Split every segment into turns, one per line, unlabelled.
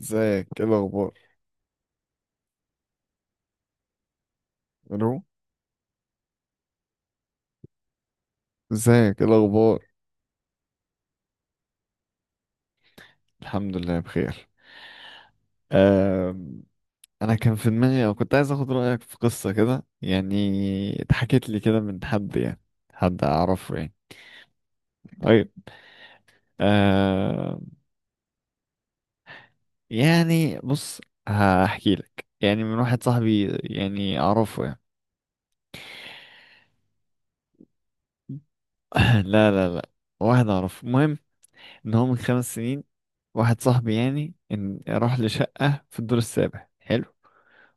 ازيك، ايه الاخبار؟ الو؟ ازيك، ايه الاخبار؟ الحمد لله بخير. أم... انا كان في دماغي او كنت عايز اخد رايك في قصه كده، يعني اتحكت لي كده من حد يعني، حد اعرفه يعني. طيب. أم... يعني بص، هحكي لك يعني، من واحد صاحبي يعني اعرفه يعني. لا لا لا، واحد اعرفه. المهم ان هو من خمس سنين، واحد صاحبي يعني، ان راح لشقه في الدور السابع. حلو.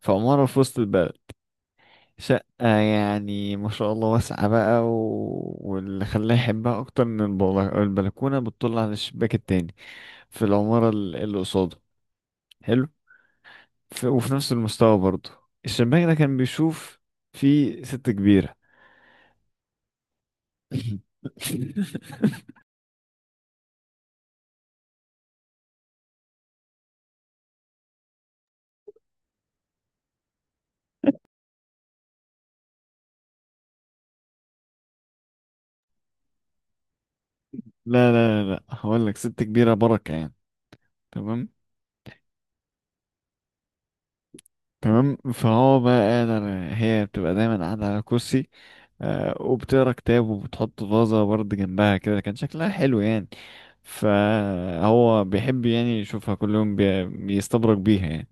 في عماره في وسط البلد. شقة يعني ما شاء الله واسعة بقى و... واللي خلاه يحبها أكتر من البلكونة بتطل على الشباك التاني في العمارة اللي قصاده. حلو. وفي نفس المستوى برضه، الشباك ده كان بيشوف في ست كبيرة لا لا لا لا، هقول لك، ست كبيرة بركة يعني. تمام. تمام، فهو بقى قادر، هي بتبقى دايما قاعدة على كرسي، آه، وبتقرا كتاب وبتحط فازة برضه جنبها كده، كان شكلها حلو يعني. فهو بيحب يعني يشوفها كل يوم، بيستبرك بيها يعني.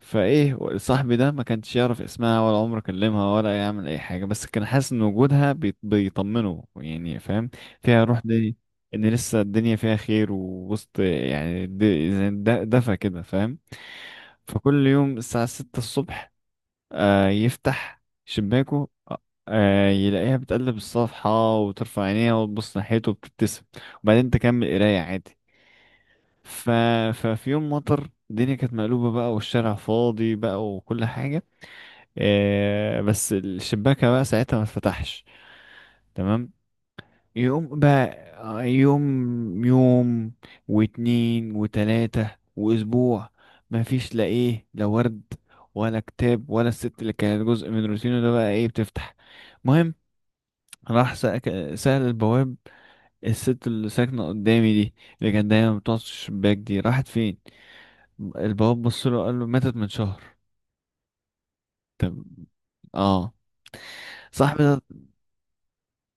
فايه، صاحبي ده ما كانش يعرف اسمها ولا عمره كلمها ولا يعمل اي حاجة، بس كان حاسس ان وجودها بيطمنه، يعني فاهم، فيها روح دي، ان لسه الدنيا فيها خير ووسط يعني، زي دفى كده فاهم. فكل يوم الساعة ستة الصبح آه يفتح شباكه، آه يلاقيها بتقلب الصفحة وترفع عينيها وتبص ناحيته وبتبتسم، وبعدين تكمل قراية عادي. ف... ففي يوم مطر، الدنيا كانت مقلوبة بقى والشارع فاضي بقى وكل حاجة، آه بس الشباكة بقى ساعتها ما اتفتحش. تمام. يوم بقى، آه، يوم يوم واتنين وتلاتة وأسبوع، مفيش لا إيه لا ورد ولا كتاب ولا الست اللي كانت جزء من روتينه ده بقى إيه بتفتح. المهم راح سأل البواب: الست اللي ساكنة قدامي دي، اللي كانت دايما بتقعد في الشباك دي، راحت فين؟ البواب بص له قال له ماتت من شهر. طب. اه. صاحبي ده،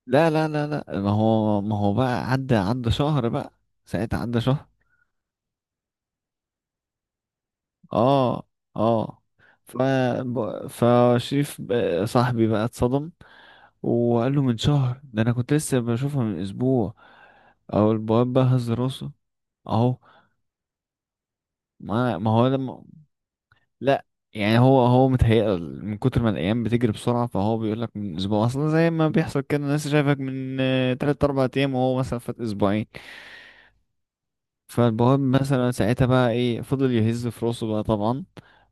لا لا لا لا، ما هو بقى عدى شهر بقى، ساعتها عدى شهر. اه. اه. ف فشريف، صاحبي بقى اتصدم، وقال له من شهر ده؟ انا كنت لسه بشوفها من اسبوع. او البواب بقى هز راسه. اهو. ما ما هو لما، لا. يعني هو، هو متهيأ من كتر ما الايام بتجري بسرعه، فهو بيقول لك من اسبوع اصلا، زي ما بيحصل كده، الناس شايفك من آه، تلات اربع ايام وهو مثلا فات اسبوعين. فالبواب مثلا ساعتها بقى ايه، فضل يهز في راسه بقى طبعا.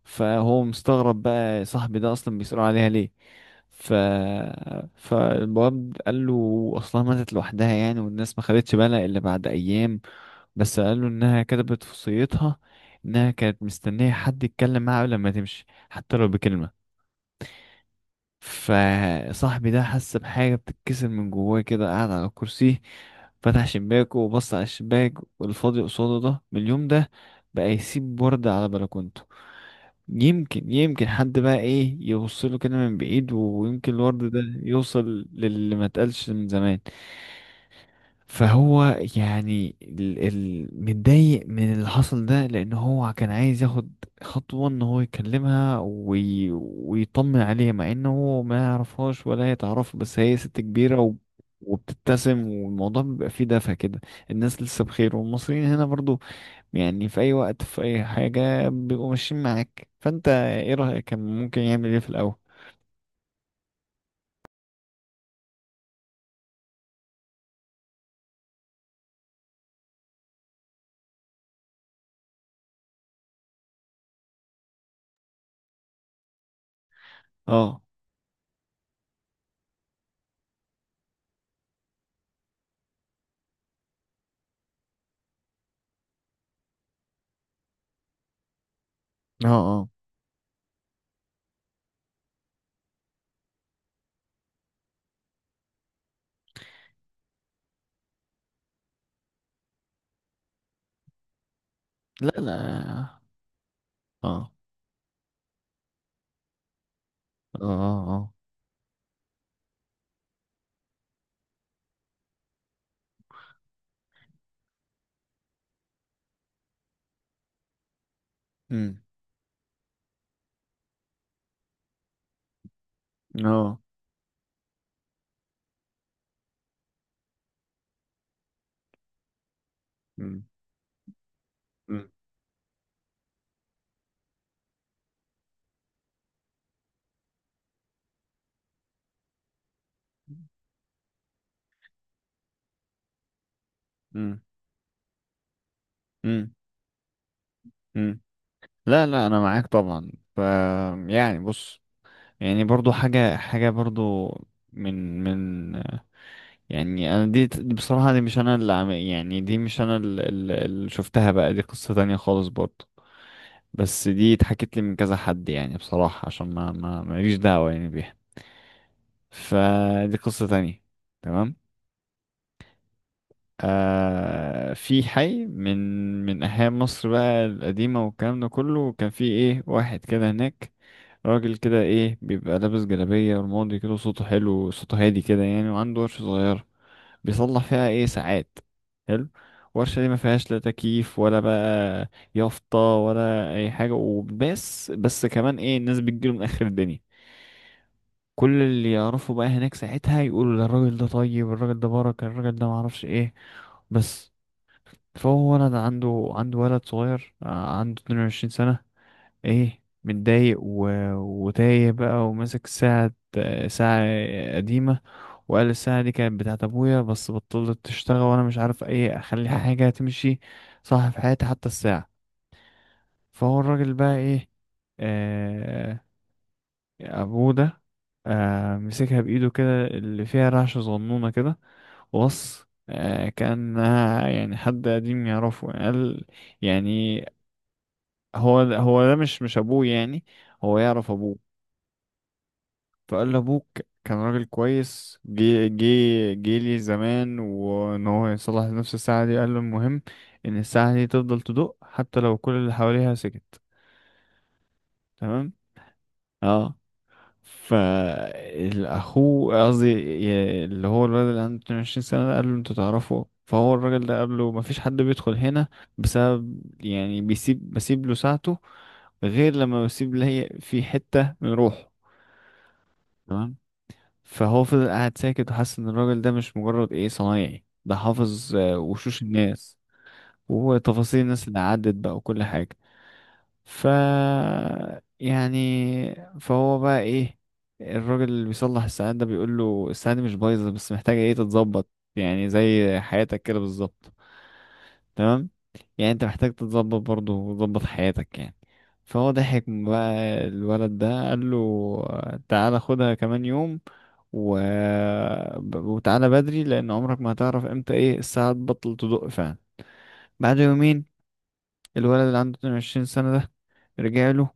فهو مستغرب بقى صاحبي ده اصلا بيسأله عليها ليه. ف فالواد قال له اصلها ماتت لوحدها يعني، والناس ما خدتش بالها الا بعد ايام، بس قال له انها كتبت في وصيتها انها كانت مستنيه حد يتكلم معاها قبل ما تمشي، حتى لو بكلمه. فصاحبي ده حس بحاجة بتتكسر من جواه كده قاعد على الكرسي. فتح شباكه وبص على الشباك والفاضي قصاده ده، من اليوم ده بقى يسيب وردة على بلكونته، يمكن، يمكن حد بقى ايه يوصله كده من بعيد، ويمكن الورد ده يوصل للي ما اتقالش من زمان. فهو يعني، متضايق من اللي حصل ده، لان هو كان عايز ياخد خطوة ان هو يكلمها ويطمن عليها، مع انه هو ما يعرفهاش ولا هي تعرفه، بس هي ست كبيرة و... وبتبتسم والموضوع بيبقى فيه دفى كده، الناس لسه بخير، والمصريين هنا برضو يعني في اي وقت في اي حاجة بيبقوا ماشيين معاك. فانت ايه رأيك؟ كان ممكن يعمل ايه في الاول؟ اه. اه. اه. لا لا. اه. اه. اه. اه. امم. اه. مم. مم. مم. مم. لا لا، انا معاك طبعا. يعني بص، يعني برضو حاجه حاجه برضو، من، يعني انا، دي بصراحه، دي مش انا اللي عم يعني، دي مش انا اللي، اللي شفتها بقى، دي قصه تانية خالص برضو، بس دي اتحكت لي من كذا حد يعني بصراحه، عشان ما ما ماليش دعوه يعني بيها. فدي قصه تانية. تمام. آه، في حي من من أحياء مصر بقى القديمة، والكلام ده كله كان في إيه، واحد كده هناك، راجل كده إيه بيبقى لابس جلابية رمادي كده، صوته حلو صوته هادي كده يعني، وعنده ورشة صغيرة بيصلح فيها إيه ساعات. حلو. الورشة دي ما فيهاش لا تكييف ولا بقى يافطة ولا أي حاجة، وبس بس كمان إيه الناس بتجيله من آخر الدنيا، كل اللي يعرفوا بقى هناك ساعتها يقولوا ده، الراجل ده طيب، الراجل ده بركة، الراجل ده معرفش إيه. بس. فهو ولد عنده ولد صغير، آه، عنده 22 سنة، ايه متضايق و... وتايه بقى، وماسك ساعة آه، ساعة قديمة، وقال الساعة دي كانت بتاعت أبويا، بس بطلت تشتغل، وأنا مش عارف ايه أخلي حاجة تمشي صح في حياتي، حتى الساعة. فهو الراجل بقى ايه، آه، أبوه ده، آه مسكها بإيده كده اللي فيها رعشة صغنونة كده، آه كان، يعني حد قديم يعرفه قال يعني، هو ده مش ابوه يعني، هو يعرف ابوه. فقال له ابوك كان راجل كويس، جه لي زمان، وان هو يصلح نفس الساعه دي، قال له المهم ان الساعه دي تفضل تدق حتى لو كل اللي حواليها سكت. تمام. اه. اللي هو الولد اللي عنده 22 سنه ده، قال له انتوا تعرفوا؟ فهو الراجل ده قال له مفيش حد بيدخل هنا بسبب يعني، بسيب له ساعته غير لما بسيب لي في حتة من روحه. تمام. فهو فضل قاعد ساكت، وحس ان الراجل ده مش مجرد ايه صنايعي، ده حافظ آه، وشوش الناس وتفاصيل الناس اللي عدت بقى وكل حاجة. ف يعني فهو بقى ايه، الراجل اللي بيصلح الساعات ده بيقول له الساعة دي مش بايظة بس محتاجة ايه تتظبط، يعني زي حياتك كده بالظبط. تمام. يعني انت محتاج تتظبط برضه، وتظبط حياتك يعني. فهو ضحك بقى الولد ده، قال له آه، تعالى خدها كمان يوم و... وتعالى بدري، لان عمرك ما هتعرف امتى ايه الساعة تبطل تدق فعلا. بعد يومين الولد اللي عنده 22 سنة ده رجع له،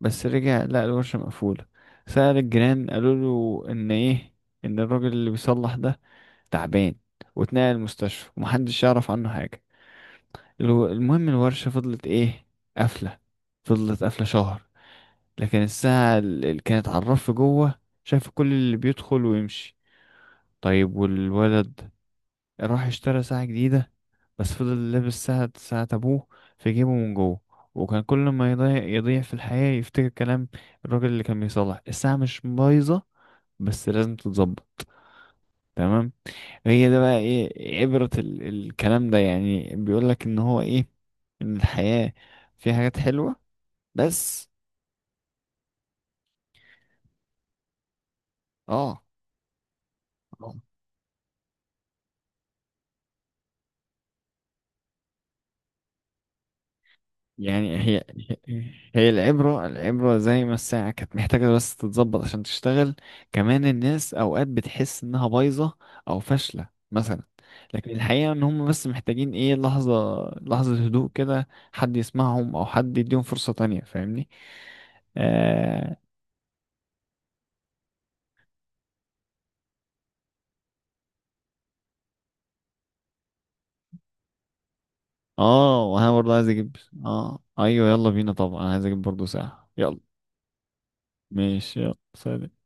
بس رجع لقى الورشة مقفولة. سأل الجيران، قالوا له ان ايه ان الراجل اللي بيصلح ده تعبان، واتنقل المستشفى، ومحدش يعرف عنه حاجة. المهم الورشة فضلت ايه قافلة، فضلت قافلة شهر، لكن الساعة اللي كانت على الرف جوه شايفة كل اللي بيدخل ويمشي. طيب، والولد راح اشترى ساعة جديدة، بس فضل لابس ساعة أبوه في جيبه من جوه، وكان كل ما يضيع، يضيع في الحياة، يفتكر كلام الراجل اللي كان بيصلح: الساعة مش بايظة بس لازم تتظبط. تمام. هي ده بقى ايه عبرة الكلام ده يعني، بيقولك ان هو ايه، ان الحياة فيها حاجات حلوة. بس. اه. آه. يعني هي، هي العبرة زي ما الساعة كانت محتاجة بس تتظبط عشان تشتغل، كمان الناس أوقات بتحس إنها بايظة أو فاشلة مثلا، لكن الحقيقة إن هم بس محتاجين إيه لحظة، لحظة هدوء كده، حد يسمعهم أو حد يديهم فرصة تانية. فاهمني؟ آه. آه وأنا برضه عايز أجيب، آه أيوه يلا بينا طبعا، أنا عايز أجيب برضه ساعة، يلا. ماشي، يلا سلام.